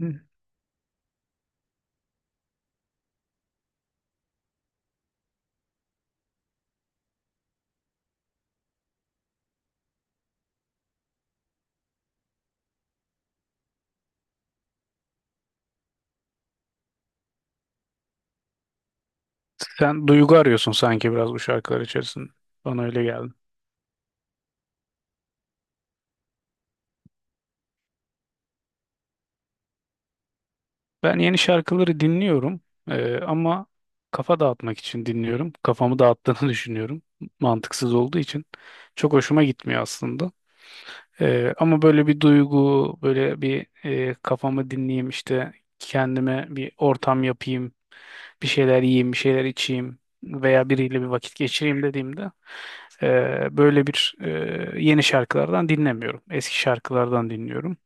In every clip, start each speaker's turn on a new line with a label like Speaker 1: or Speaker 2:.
Speaker 1: Hı. Sen duygu arıyorsun sanki biraz bu şarkılar içerisinde. Bana öyle geldi. Ben yeni şarkıları dinliyorum, ama kafa dağıtmak için dinliyorum. Kafamı dağıttığını düşünüyorum. Mantıksız olduğu için. Çok hoşuma gitmiyor aslında. Ama böyle bir duygu, böyle bir kafamı dinleyeyim işte, kendime bir ortam yapayım, bir şeyler yiyeyim, bir şeyler içeyim veya biriyle bir vakit geçireyim dediğimde böyle bir yeni şarkılardan dinlemiyorum. Eski şarkılardan dinliyorum.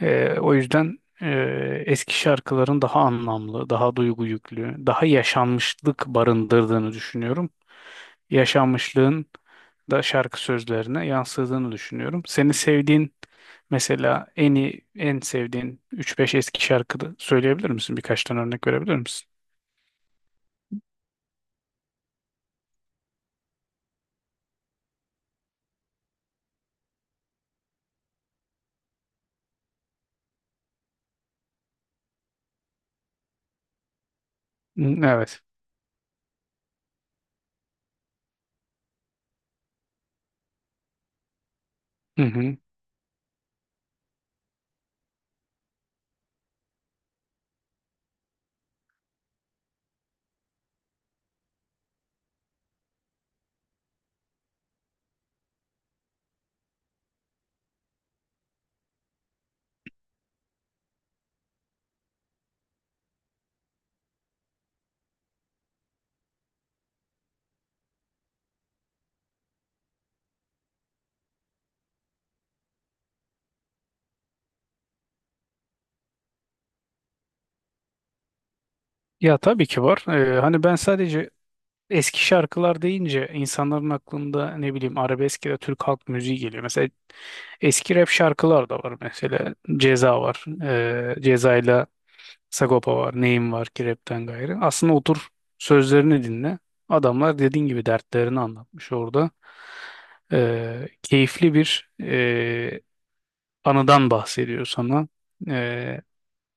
Speaker 1: O yüzden eski şarkıların daha anlamlı, daha duygu yüklü, daha yaşanmışlık barındırdığını düşünüyorum. Yaşanmışlığın da şarkı sözlerine yansıdığını düşünüyorum. Seni sevdiğin, mesela en iyi, en sevdiğin 3-5 eski şarkıda söyleyebilir misin? Birkaç tane örnek verebilir misin? Hı, evet. Hı hı. Ya tabii ki var. Hani ben sadece eski şarkılar deyince insanların aklında ne bileyim arabesk ya da Türk halk müziği geliyor. Mesela eski rap şarkılar da var mesela. Ceza var. Ceza'yla Sagopa var. Neyim var ki rapten gayrı. Aslında otur sözlerini dinle. Adamlar dediğin gibi dertlerini anlatmış orada. Keyifli bir anıdan bahsediyor sana. Ee,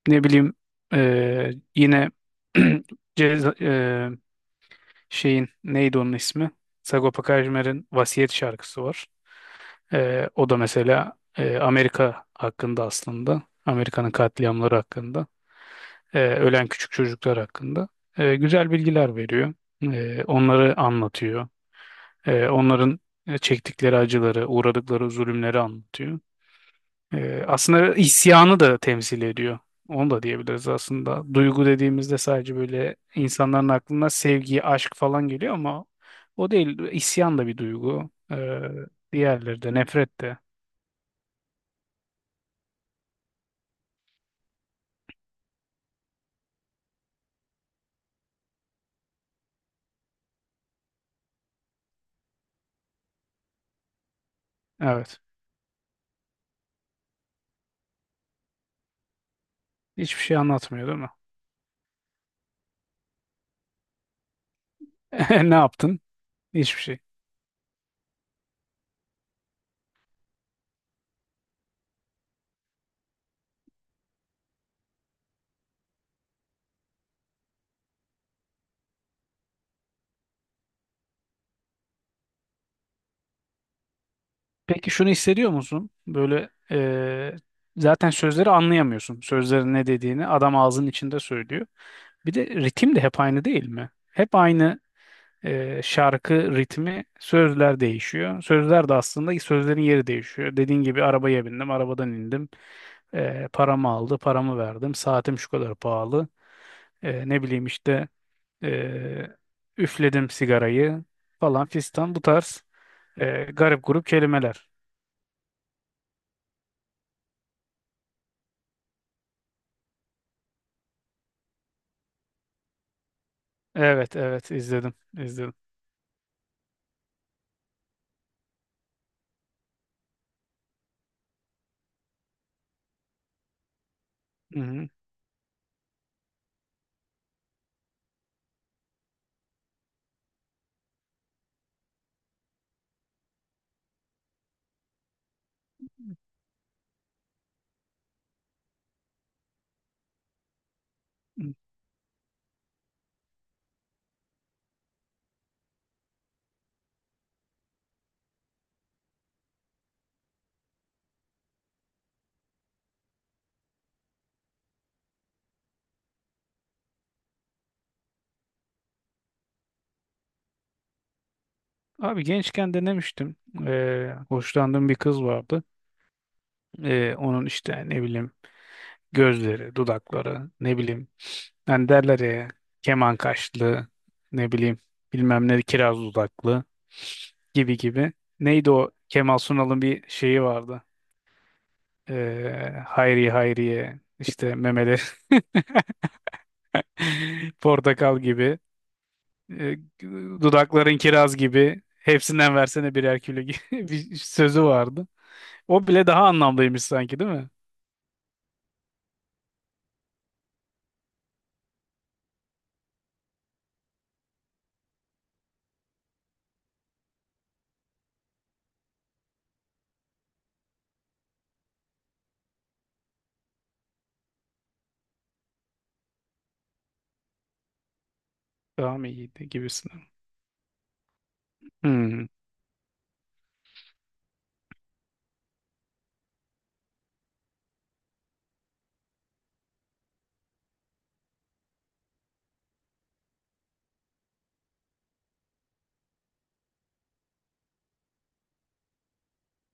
Speaker 1: ne bileyim e, yine Ceza, ee, şeyin neydi onun ismi? Sagopa Kajmer'in Vasiyet şarkısı var. O da mesela Amerika hakkında aslında. Amerika'nın katliamları hakkında. Ölen küçük çocuklar hakkında. Güzel bilgiler veriyor. Onları anlatıyor. Onların çektikleri acıları, uğradıkları zulümleri anlatıyor. Aslında isyanı da temsil ediyor. Onu da diyebiliriz aslında. Duygu dediğimizde sadece böyle insanların aklına sevgi, aşk falan geliyor ama o değil. İsyan da bir duygu. Diğerleri de, nefret de. Evet. Hiçbir şey anlatmıyor değil mi? Ne yaptın? Hiçbir şey. Peki şunu hissediyor musun? Böyle, zaten sözleri anlayamıyorsun. Sözlerin ne dediğini adam ağzının içinde söylüyor. Bir de ritim de hep aynı değil mi? Hep aynı şarkı ritmi, sözler değişiyor. Sözler de aslında sözlerin yeri değişiyor. Dediğin gibi arabaya bindim, arabadan indim. Paramı aldı, paramı verdim. Saatim şu kadar pahalı. Ne bileyim işte e, üfledim sigarayı, falan fistan, bu tarz garip grup kelimeler. Evet, evet izledim, izledim. Hı hı. Abi gençken denemiştim. Hoşlandığım bir kız vardı. Onun işte ne bileyim gözleri, dudakları, ne bileyim. Yani derler ya, keman kaşlı, ne bileyim, bilmem ne kiraz dudaklı gibi gibi. Neydi o Kemal Sunal'ın bir şeyi vardı. Hayriye hayriye işte, memeleri portakal gibi, e, dudakların kiraz gibi, hepsinden versene birer kilo gibi bir sözü vardı. O bile daha anlamlıymış sanki değil mi? Daha mı iyiydi gibisin. Hmm,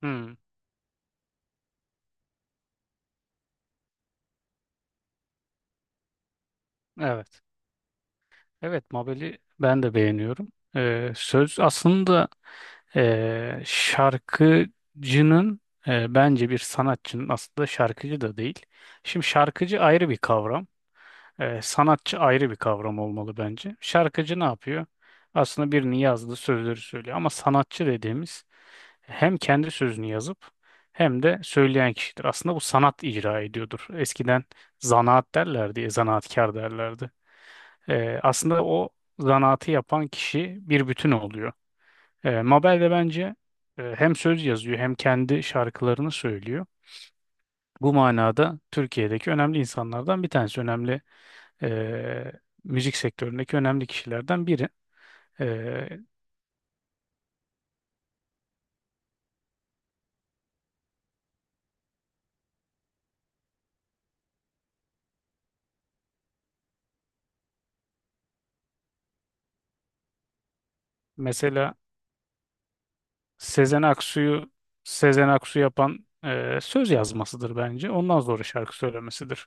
Speaker 1: hmm, evet. Evet, Mabel'i ben de beğeniyorum. Söz aslında, şarkıcının, bence bir sanatçının aslında şarkıcı da değil. Şimdi şarkıcı ayrı bir kavram. Sanatçı ayrı bir kavram olmalı bence. Şarkıcı ne yapıyor? Aslında birini yazdığı sözleri söylüyor. Ama sanatçı dediğimiz hem kendi sözünü yazıp hem de söyleyen kişidir. Aslında bu sanat icra ediyordur. Eskiden zanaat derlerdi, zanaatkar derlerdi. Aslında o zanaatı yapan kişi bir bütün oluyor. Mabel de bence hem söz yazıyor hem kendi şarkılarını söylüyor. Bu manada Türkiye'deki önemli insanlardan bir tanesi, önemli e, müzik sektöründeki önemli kişilerden biri. E, Mesela Sezen Aksu'yu Sezen Aksu yapan söz yazmasıdır bence. Ondan sonra şarkı söylemesidir.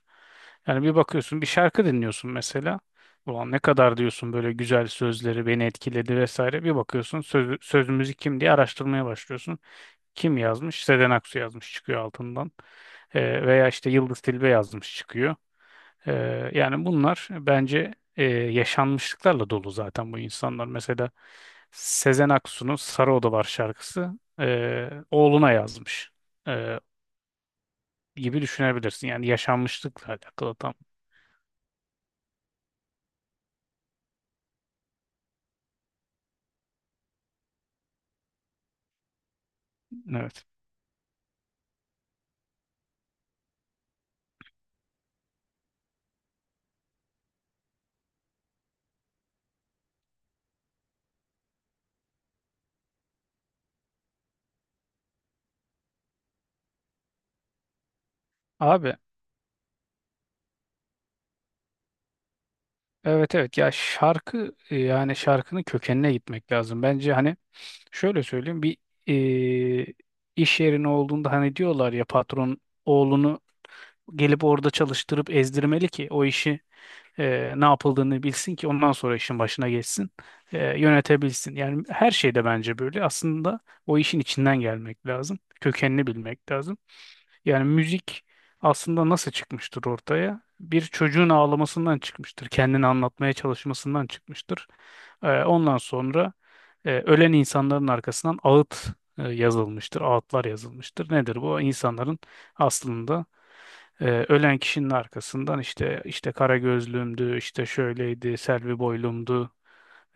Speaker 1: Yani bir bakıyorsun, bir şarkı dinliyorsun mesela. Ulan ne kadar diyorsun böyle, güzel sözleri beni etkiledi vesaire. Bir bakıyorsun söz, söz müzik kim diye araştırmaya başlıyorsun. Kim yazmış? Sezen Aksu yazmış çıkıyor altından. Veya işte Yıldız Tilbe yazmış çıkıyor. Yani bunlar bence yaşanmışlıklarla dolu zaten bu insanlar. Mesela Sezen Aksu'nun Sarı Odalar şarkısı oğluna yazmış e, gibi düşünebilirsin. Yani yaşanmışlıkla alakalı tam. Evet. Abi evet, evet, ya şarkı, yani şarkının kökenine gitmek lazım. Bence hani şöyle söyleyeyim, bir e, iş yerine olduğunda hani diyorlar ya, patron oğlunu gelip orada çalıştırıp ezdirmeli ki o işi ne yapıldığını bilsin ki ondan sonra işin başına geçsin, yönetebilsin. Yani her şeyde bence böyle. Aslında o işin içinden gelmek lazım, kökenini bilmek lazım. Yani müzik aslında nasıl çıkmıştır ortaya? Bir çocuğun ağlamasından çıkmıştır, kendini anlatmaya çalışmasından çıkmıştır. Ondan sonra ölen insanların arkasından ağıt yazılmıştır, ağıtlar yazılmıştır. Nedir bu? İnsanların aslında, ölen kişinin arkasından işte, kara gözlüğümdü, işte şöyleydi, Selvi boylumdu,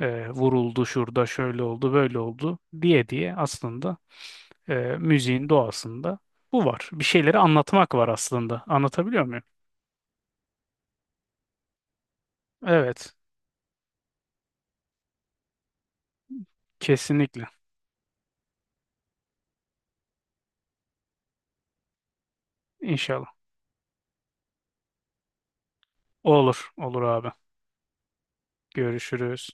Speaker 1: vuruldu şurada, şöyle oldu, böyle oldu diye diye aslında müziğin doğasında bu var. Bir şeyleri anlatmak var aslında. Anlatabiliyor muyum? Evet, kesinlikle. İnşallah. Olur, olur abi. Görüşürüz.